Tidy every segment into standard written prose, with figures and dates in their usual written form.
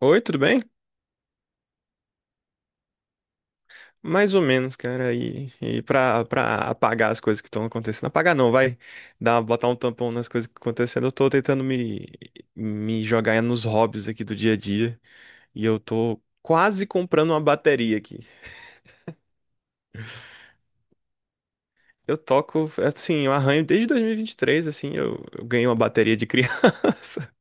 Oi, tudo bem? Mais ou menos, cara. E pra apagar as coisas que estão acontecendo. Apagar não, vai dar, botar um tampão nas coisas que estão acontecendo. Eu tô tentando me, Me jogar nos hobbies aqui do dia a dia. E eu tô quase comprando uma bateria aqui. Eu toco, assim, eu arranho desde 2023, assim, eu ganhei uma bateria de criança.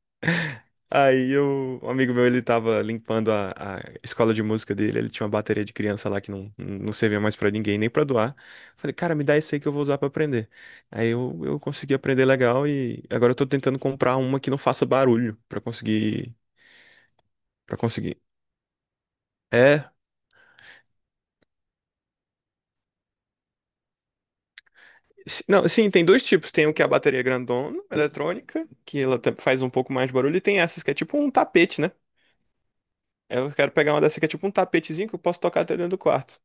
Um amigo meu, ele tava limpando a escola de música dele, ele tinha uma bateria de criança lá que não servia mais pra ninguém, nem pra doar. Falei, cara, me dá esse aí que eu vou usar pra aprender. Eu consegui aprender legal e agora eu tô tentando comprar uma que não faça barulho para conseguir. É, não, sim, tem dois tipos, tem o que é a bateria grandona, eletrônica, que ela faz um pouco mais de barulho, e tem essas que é tipo um tapete, né? Eu quero pegar uma dessa que é tipo um tapetezinho que eu posso tocar até dentro do quarto.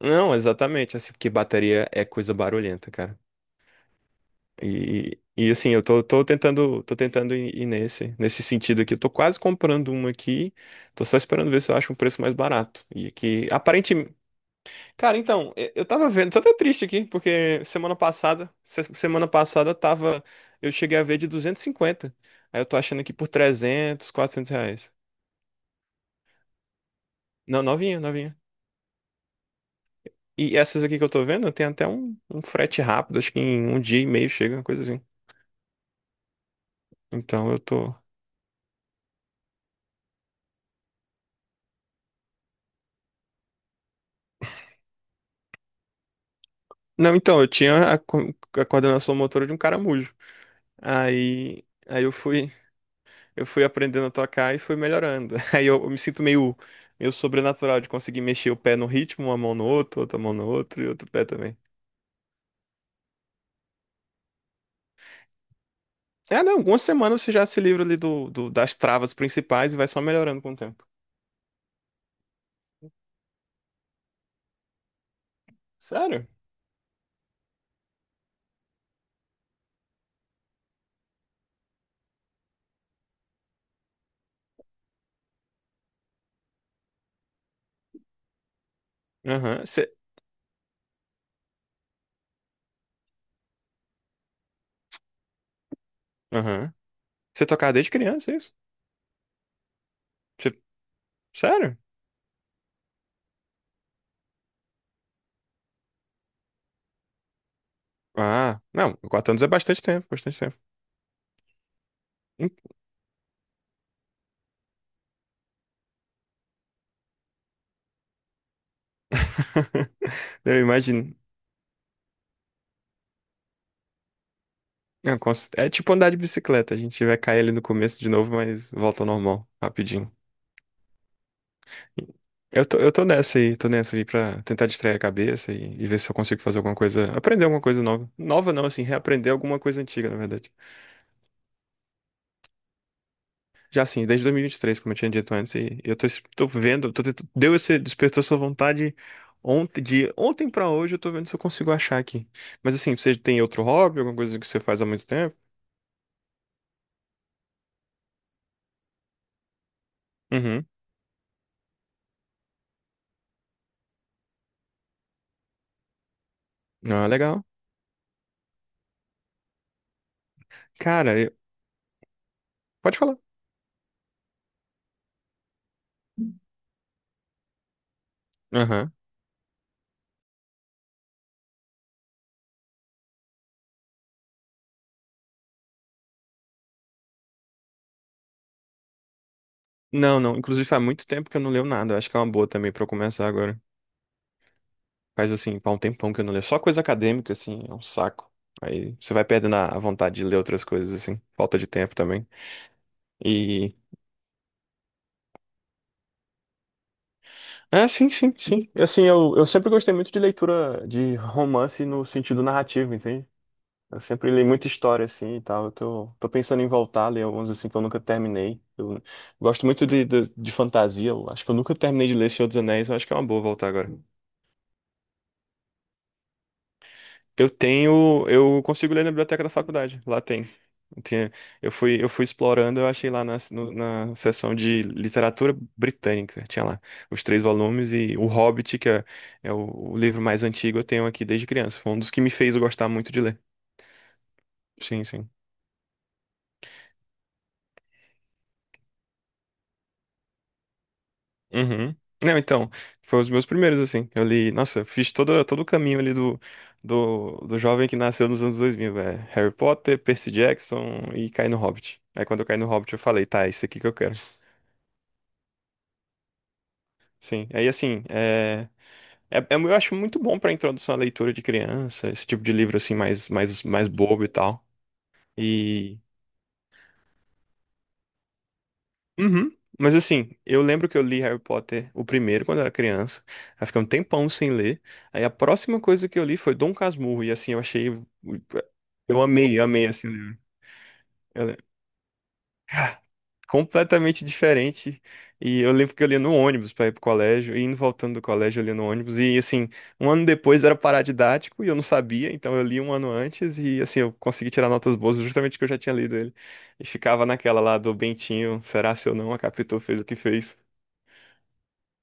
Não, exatamente, assim, porque bateria é coisa barulhenta, cara. E assim, tô tentando, tô tentando ir nesse sentido aqui. Eu tô quase comprando uma aqui, tô só esperando ver se eu acho um preço mais barato. E aqui, aparentemente. Cara, então, eu tava vendo, tô até triste aqui, porque semana passada, semana passada tava, eu cheguei a ver de 250. Aí eu tô achando aqui por 300, 400 reais. Não, novinha, novinha. E essas aqui que eu tô vendo, tem até um frete rápido, acho que em um dia e meio chega, uma coisa assim. Então eu tô. Não, então, eu tinha a coordenação motora de um caramujo. Aí, aí eu fui, eu fui aprendendo a tocar e fui melhorando. Eu me sinto meio sobrenatural de conseguir mexer o pé no ritmo, uma mão no outro, outra mão no outro e outro pé também. É, não, algumas semanas você já se livra ali das travas principais e vai só melhorando com o tempo. Sério? Aham. Você, aham. Você tocava desde criança, é isso? Você- sério? Ah, não, quatro anos é bastante tempo, bastante tempo. Hum. Eu imagino. É, é tipo andar de bicicleta, a gente vai cair ali no começo de novo, mas volta ao normal, rapidinho. Eu tô nessa aí pra tentar distrair a cabeça e ver se eu consigo fazer alguma coisa, aprender alguma coisa nova. Nova não, assim, reaprender alguma coisa antiga, na verdade. Já assim, desde dois mil e vinte e três, como eu tinha dito antes, e eu tô, tô vendo, tô tentando, deu esse, despertou essa vontade ontem, de ontem pra hoje, eu tô vendo se eu consigo achar aqui. Mas assim, você tem outro hobby, alguma coisa que você faz há muito tempo? Uhum. Ah, legal. Cara, eu- pode falar. Aham. Não, não. Inclusive, faz muito tempo que eu não leio nada. Acho que é uma boa também pra eu começar agora. Faz assim, faz um tempão que eu não leio. Só coisa acadêmica, assim, é um saco. Aí você vai perdendo a vontade de ler outras coisas, assim. Falta de tempo também. E. Ah, sim, sim, sim. Assim, eu sempre gostei muito de leitura de romance no sentido narrativo, entende? Eu sempre li muita história, assim, e tal. Tô pensando em voltar a ler alguns, assim, que eu nunca terminei. Eu gosto muito de fantasia. Eu acho que eu nunca terminei de ler Senhor dos Anéis. Eu acho que é uma boa voltar agora. Eu tenho, eu consigo ler na biblioteca da faculdade, lá tem. Eu tinha- eu fui explorando, eu achei lá na, no- na seção de literatura britânica, tinha lá os três volumes e O Hobbit, que é, é o livro mais antigo, eu tenho aqui desde criança. Foi um dos que me fez gostar muito de ler. Sim, sim. Uhum. Não, então, foi os meus primeiros, assim. Eu li, nossa, eu fiz todo o caminho ali do jovem que nasceu nos anos 2000, velho. Harry Potter, Percy Jackson e caí no Hobbit. Aí quando eu caí no Hobbit, eu falei, tá, é isso aqui que eu quero. Sim, aí assim, eu acho muito bom pra introdução à leitura de criança, esse tipo de livro assim mais mais bobo e tal. E Uhum. Mas assim, eu lembro que eu li Harry Potter o primeiro quando eu era criança, aí fiquei um tempão sem ler. Aí a próxima coisa que eu li foi Dom Casmurro e assim eu achei, eu amei esse livro. Cara, completamente diferente. E eu lembro que eu lia no ônibus para ir pro colégio, e indo e voltando do colégio, eu lia no ônibus. E assim, um ano depois era paradidático e eu não sabia, então eu li um ano antes e assim, eu consegui tirar notas boas justamente porque eu já tinha lido ele. E ficava naquela lá do Bentinho, será se eu não, a Capitu fez o que fez.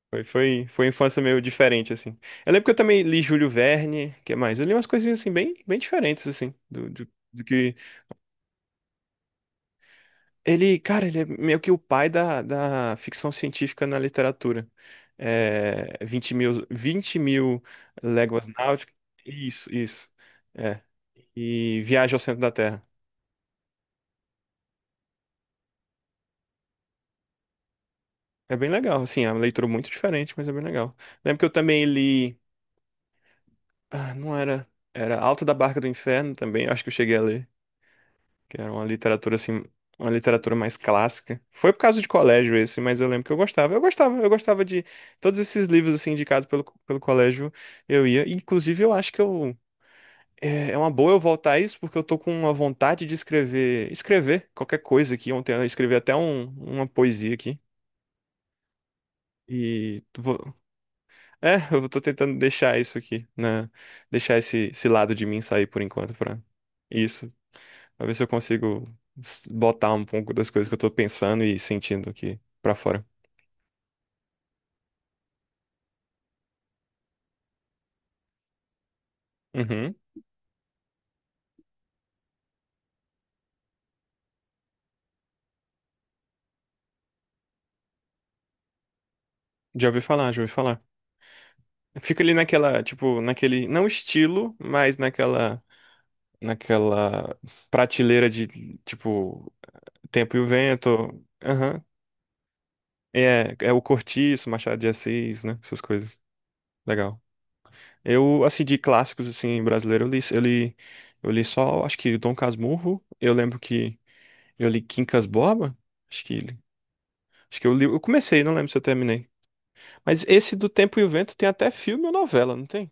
Foi uma infância meio diferente, assim. Eu lembro que eu também li Júlio Verne, que mais? Eu li umas coisinhas assim, bem, bem diferentes, assim, do, que Ele, cara, ele é meio que o pai da ficção científica na literatura. É, 20 mil, 20 mil léguas náuticas. Isso, isso. É. E Viagem ao Centro da Terra. É bem legal, assim, é uma leitura muito diferente, mas é bem legal. Lembro que eu também li. Ah, não era. Era Alto da Barca do Inferno também, acho que eu cheguei a ler. Que era uma literatura assim, uma literatura mais clássica. Foi por causa de colégio esse, mas eu lembro que eu gostava. Eu gostava de todos esses livros assim indicados pelo colégio, eu ia. Inclusive, eu acho que eu é é uma boa eu voltar a isso porque eu tô com uma vontade de escrever, escrever qualquer coisa aqui. Ontem eu escrevi até uma poesia aqui. E tu vou, eu tô tentando deixar isso aqui, né? Deixar esse lado de mim sair por enquanto pra isso. Pra ver se eu consigo botar um pouco das coisas que eu tô pensando e sentindo aqui pra fora. Uhum. Já ouvi falar, já ouvi falar. Fica ali naquela, tipo, naquele, não estilo, mas naquela, naquela prateleira de, tipo, Tempo e o Vento. Aham. É, é o Cortiço, Machado de Assis, né? Essas coisas. Legal. Eu, assim, de clássicos, assim, brasileiro, eu li só, acho que Dom Casmurro. Eu lembro que eu li Quincas Borba. Acho que, acho que eu li, eu comecei, não lembro se eu terminei. Mas esse do Tempo e o Vento tem até filme ou novela, não tem?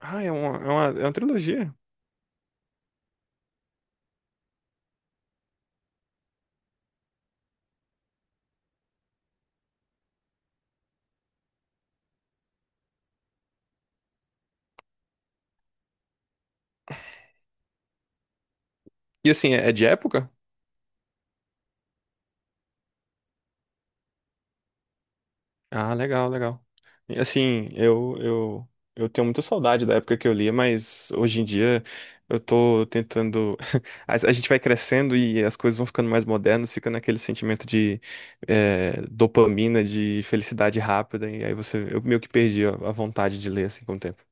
Ah, é uma trilogia. E assim, é de época? Ah, legal, legal. E assim, eu tenho muita saudade da época que eu lia, mas hoje em dia eu tô tentando. A gente vai crescendo e as coisas vão ficando mais modernas, fica naquele sentimento de é, dopamina, de felicidade rápida, e aí você, eu meio que perdi a vontade de ler assim com o tempo.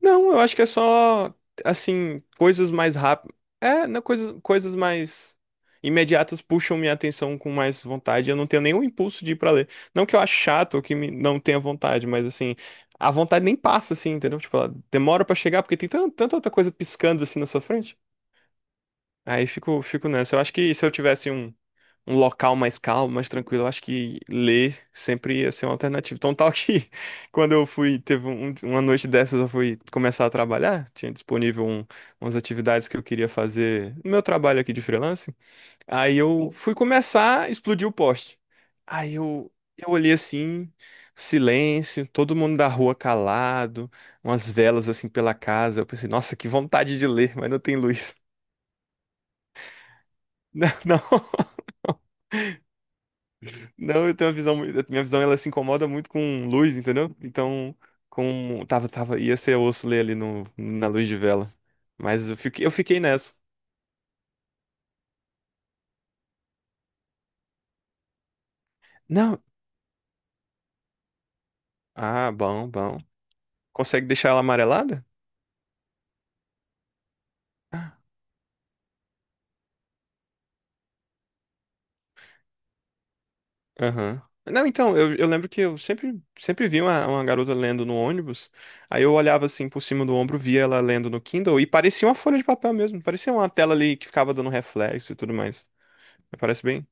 Não, eu acho que é só, assim, coisas mais rápidas. É, não, coisas mais imediatas puxam minha atenção com mais vontade. Eu não tenho nenhum impulso de ir pra ler. Não que eu ache chato ou que não tenha vontade, mas, assim, a vontade nem passa, assim, entendeu? Tipo, ela demora pra chegar porque tem tanta outra coisa piscando, assim, na sua frente. Aí fico nessa. Eu acho que se eu tivesse um local mais calmo, mais tranquilo, eu acho que ler sempre ia ser uma alternativa. Então, tal que quando eu fui, teve uma noite dessas, eu fui começar a trabalhar, tinha disponível umas atividades que eu queria fazer no meu trabalho aqui de freelance. Aí eu fui começar, explodiu o poste. Eu olhei assim, silêncio, todo mundo da rua calado, umas velas assim pela casa. Eu pensei, nossa, que vontade de ler, mas não tem luz. Não, não, não, eu tenho minha visão ela se incomoda muito com luz, entendeu? Então, com tava ia ser osso ler ali no, na luz de vela. Mas eu fiquei nessa. Não. Ah, bom, bom. Consegue deixar ela amarelada? Aham. Não, então, eu lembro que eu sempre vi uma garota lendo no ônibus. Aí eu olhava assim por cima do ombro, via ela lendo no Kindle e parecia uma folha de papel mesmo. Parecia uma tela ali que ficava dando reflexo e tudo mais. Parece bem.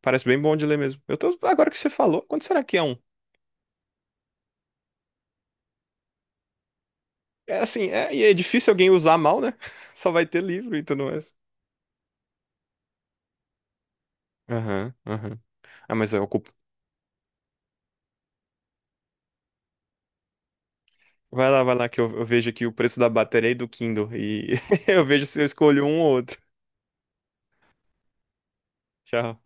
Parece bem bom de ler mesmo. Eu tô, agora que você falou, quando será que é um? É assim, é, e é difícil alguém usar mal, né? Só vai ter livro e tudo mais. Aham, aham. Ah, mas eu ocupo. Vai lá, que eu vejo aqui o preço da bateria e do Kindle. E eu vejo se eu escolho um ou outro. Tchau.